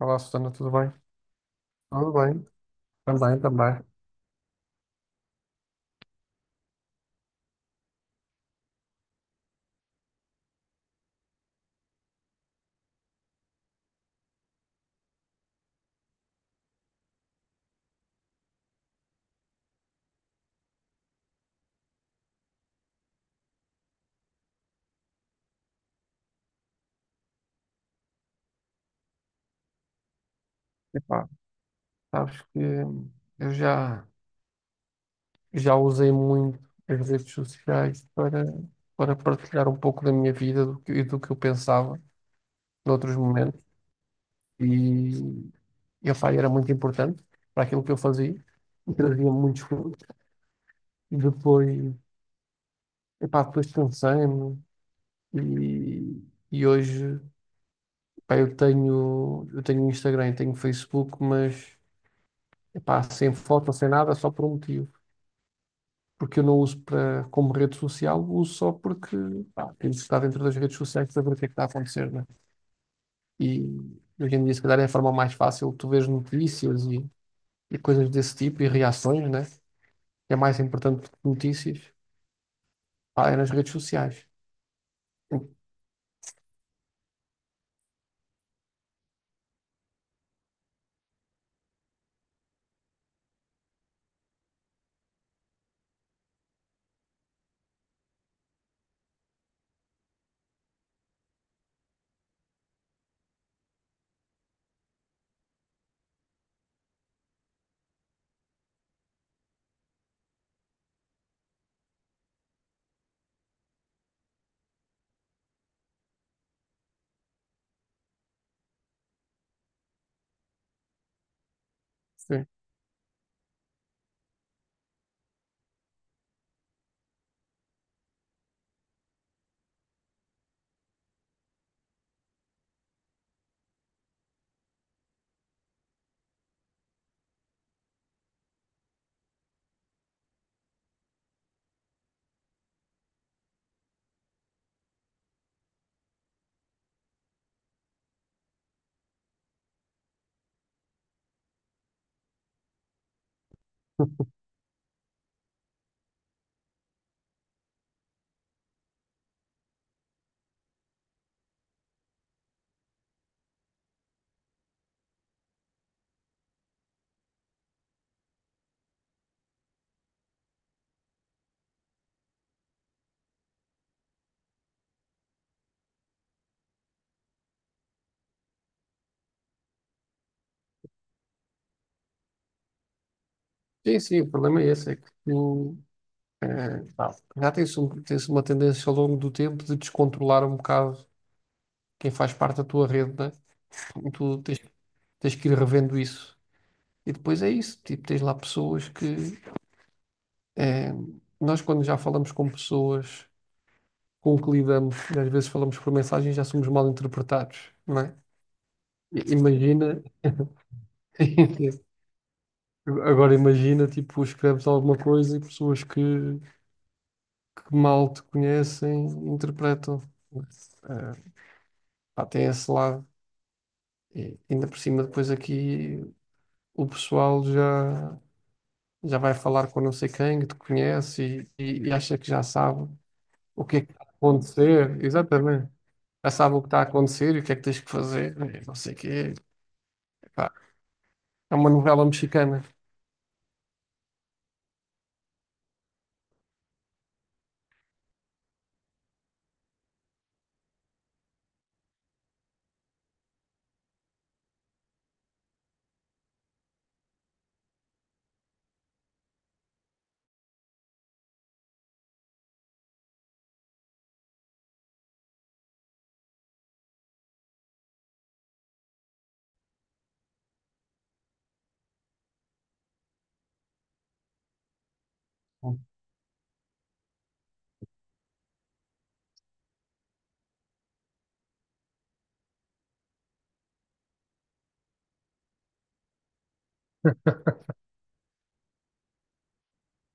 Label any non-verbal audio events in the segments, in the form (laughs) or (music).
Olá, Susana, tudo bem? Tudo bem, também. Epá, sabes que eu já, já usei muito as redes sociais para partilhar um pouco da minha vida do que eu pensava noutros momentos. E, e era muito importante para aquilo que eu fazia e trazia muitos frutos. E depois, depois cansei-me e, e hoje eu tenho Instagram, tenho Facebook, mas sem foto, sem nada, só por um motivo. Porque eu não uso como rede social, uso só porque tenho que estar dentro das redes sociais para saber o que é que está a acontecer, né? E hoje em dia, se calhar, é a forma mais fácil, tu vês notícias e coisas desse tipo e reações, né? É mais importante que notícias, pá, é nas redes sociais. Sim, sim, sim, o problema é esse, é que tu, pá, tens uma tendência ao longo do tempo de descontrolar um bocado quem faz parte da tua rede, né? Tu tens, tens que ir revendo isso. E depois é isso, tipo, tens lá pessoas que eh, nós quando já falamos com pessoas com que lidamos, e às vezes falamos por mensagem, já somos mal interpretados, não é? Imagina, (laughs) agora imagina, tipo, escreves alguma coisa e pessoas que mal te conhecem interpretam. Eh, Pá, tem esse lado. E ainda por cima, depois aqui o pessoal já, já vai falar com não sei quem que te conhece e e- acha que já sabe. O que é que está a acontecer, exatamente. Já sabe o que está a acontecer e o que é que tens que fazer, e não sei o quê. Pá, é uma novela mexicana.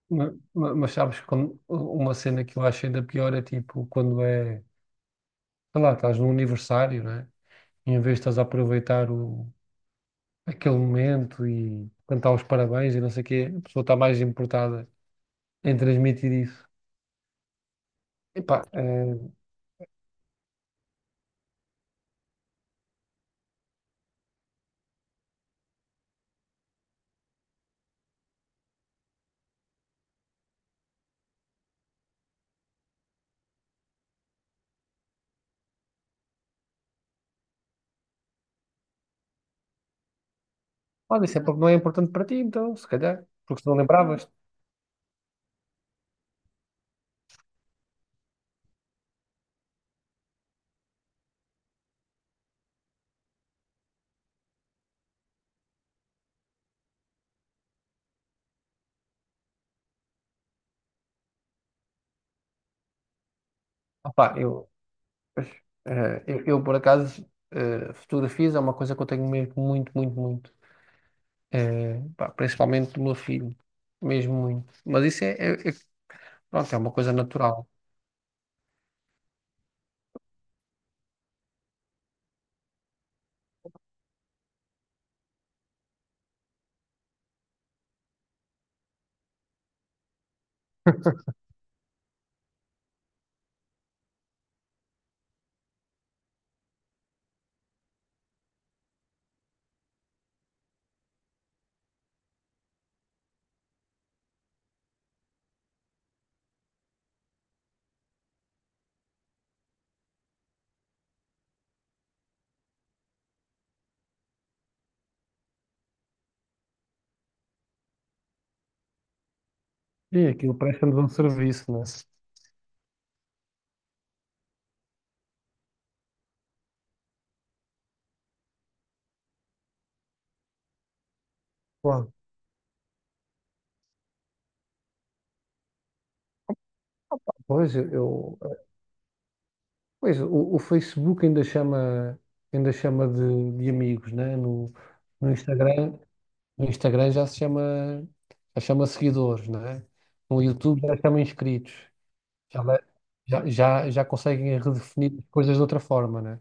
Mas sabes, quando, uma cena que eu acho ainda pior é tipo quando é, sei lá, estás num aniversário, né? E em vez de estás a aproveitar o, aquele momento e cantar os parabéns e não sei o quê, a pessoa está mais importada em transmitir isso. Epá, eh, Olha, isso é porque não é importante para ti, então, se calhar, porque se não lembravas. Opá, eu, Eh, eu, Por acaso, fotografias é uma coisa que eu tenho mesmo muito, muito, muito. Pá, principalmente do meu filho. Mesmo muito. Mas pronto, é uma coisa natural. E aquilo presta-nos um serviço, né? Claro. Pois, eu, Pois o Facebook ainda chama de amigos, né? No, no Instagram, no Instagram já se chama, já chama seguidores, né? No YouTube já chama inscritos. Já, le- já, já, Já conseguem redefinir as coisas de outra forma, né?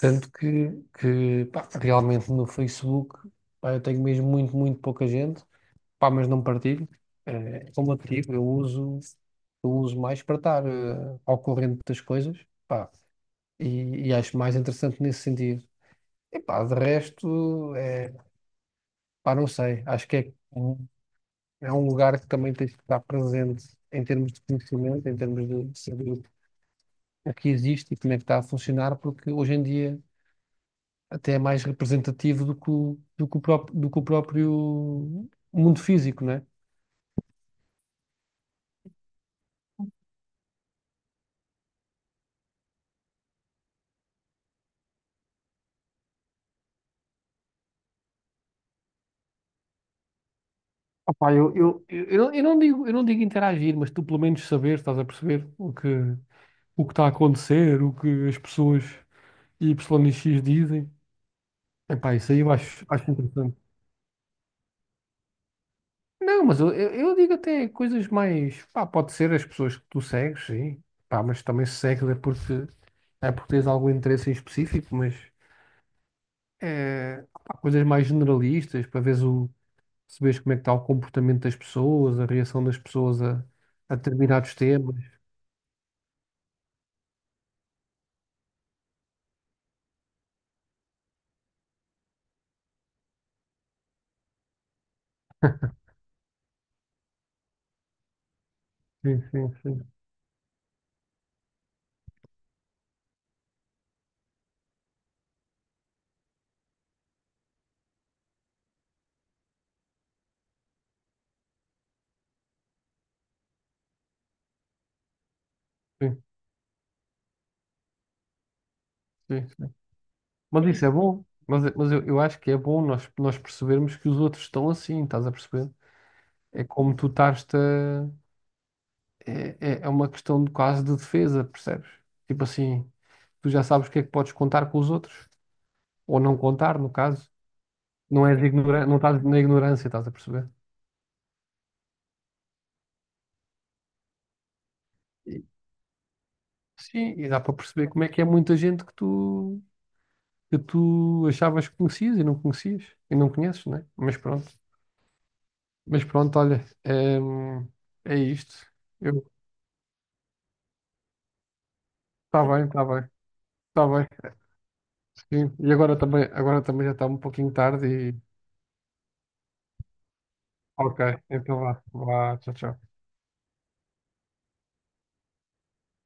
Tanto que pá, realmente no Facebook, pá, eu tenho mesmo muito, pouca gente, pá, mas não partilho. Como eu te digo, eu uso mais para estar ao corrente das coisas, pá, e acho mais interessante nesse sentido. E pá, de resto, é, pá, não sei, acho que é um lugar que também tens que estar presente em termos de conhecimento, em termos de saber o que existe e como é que está a funcionar, porque hoje em dia até é mais representativo do que o próprio mundo físico, né? Opa, eu eu não digo interagir, mas tu pelo menos saber, estás a perceber o que está a acontecer, o que as pessoas Y e X dizem. Epá, acho interessante. Não, mas eu digo até coisas mais. Pá, pode ser as pessoas que tu segues, sim. Pá, mas também se segues é porque tens algum interesse em específico, mas. É, pá, coisas mais generalistas para perceberes como é que está o comportamento das pessoas, a reação das pessoas a determinados temas. (laughs) Sim, sim, sim, sim, sim, sim. Mas isso é bom. Mas eu acho que é bom nós percebermos que os outros estão assim, estás a perceber? É como tu estás a... É, é é uma questão de quase de defesa, percebes? Tipo assim, tu já sabes o que é que podes contar com os outros, ou não contar, no caso. Não és ignorante, não estás na ignorância, estás a perceber? Sim, e dá para perceber como é que é muita gente que que tu achavas que conhecias e não conheces, não é? Mas pronto, olha, é, isto. Eu, está bem, está bem. Sim. E agora também já está um pouquinho tarde e ok, então vá, vá, tchau, tchau.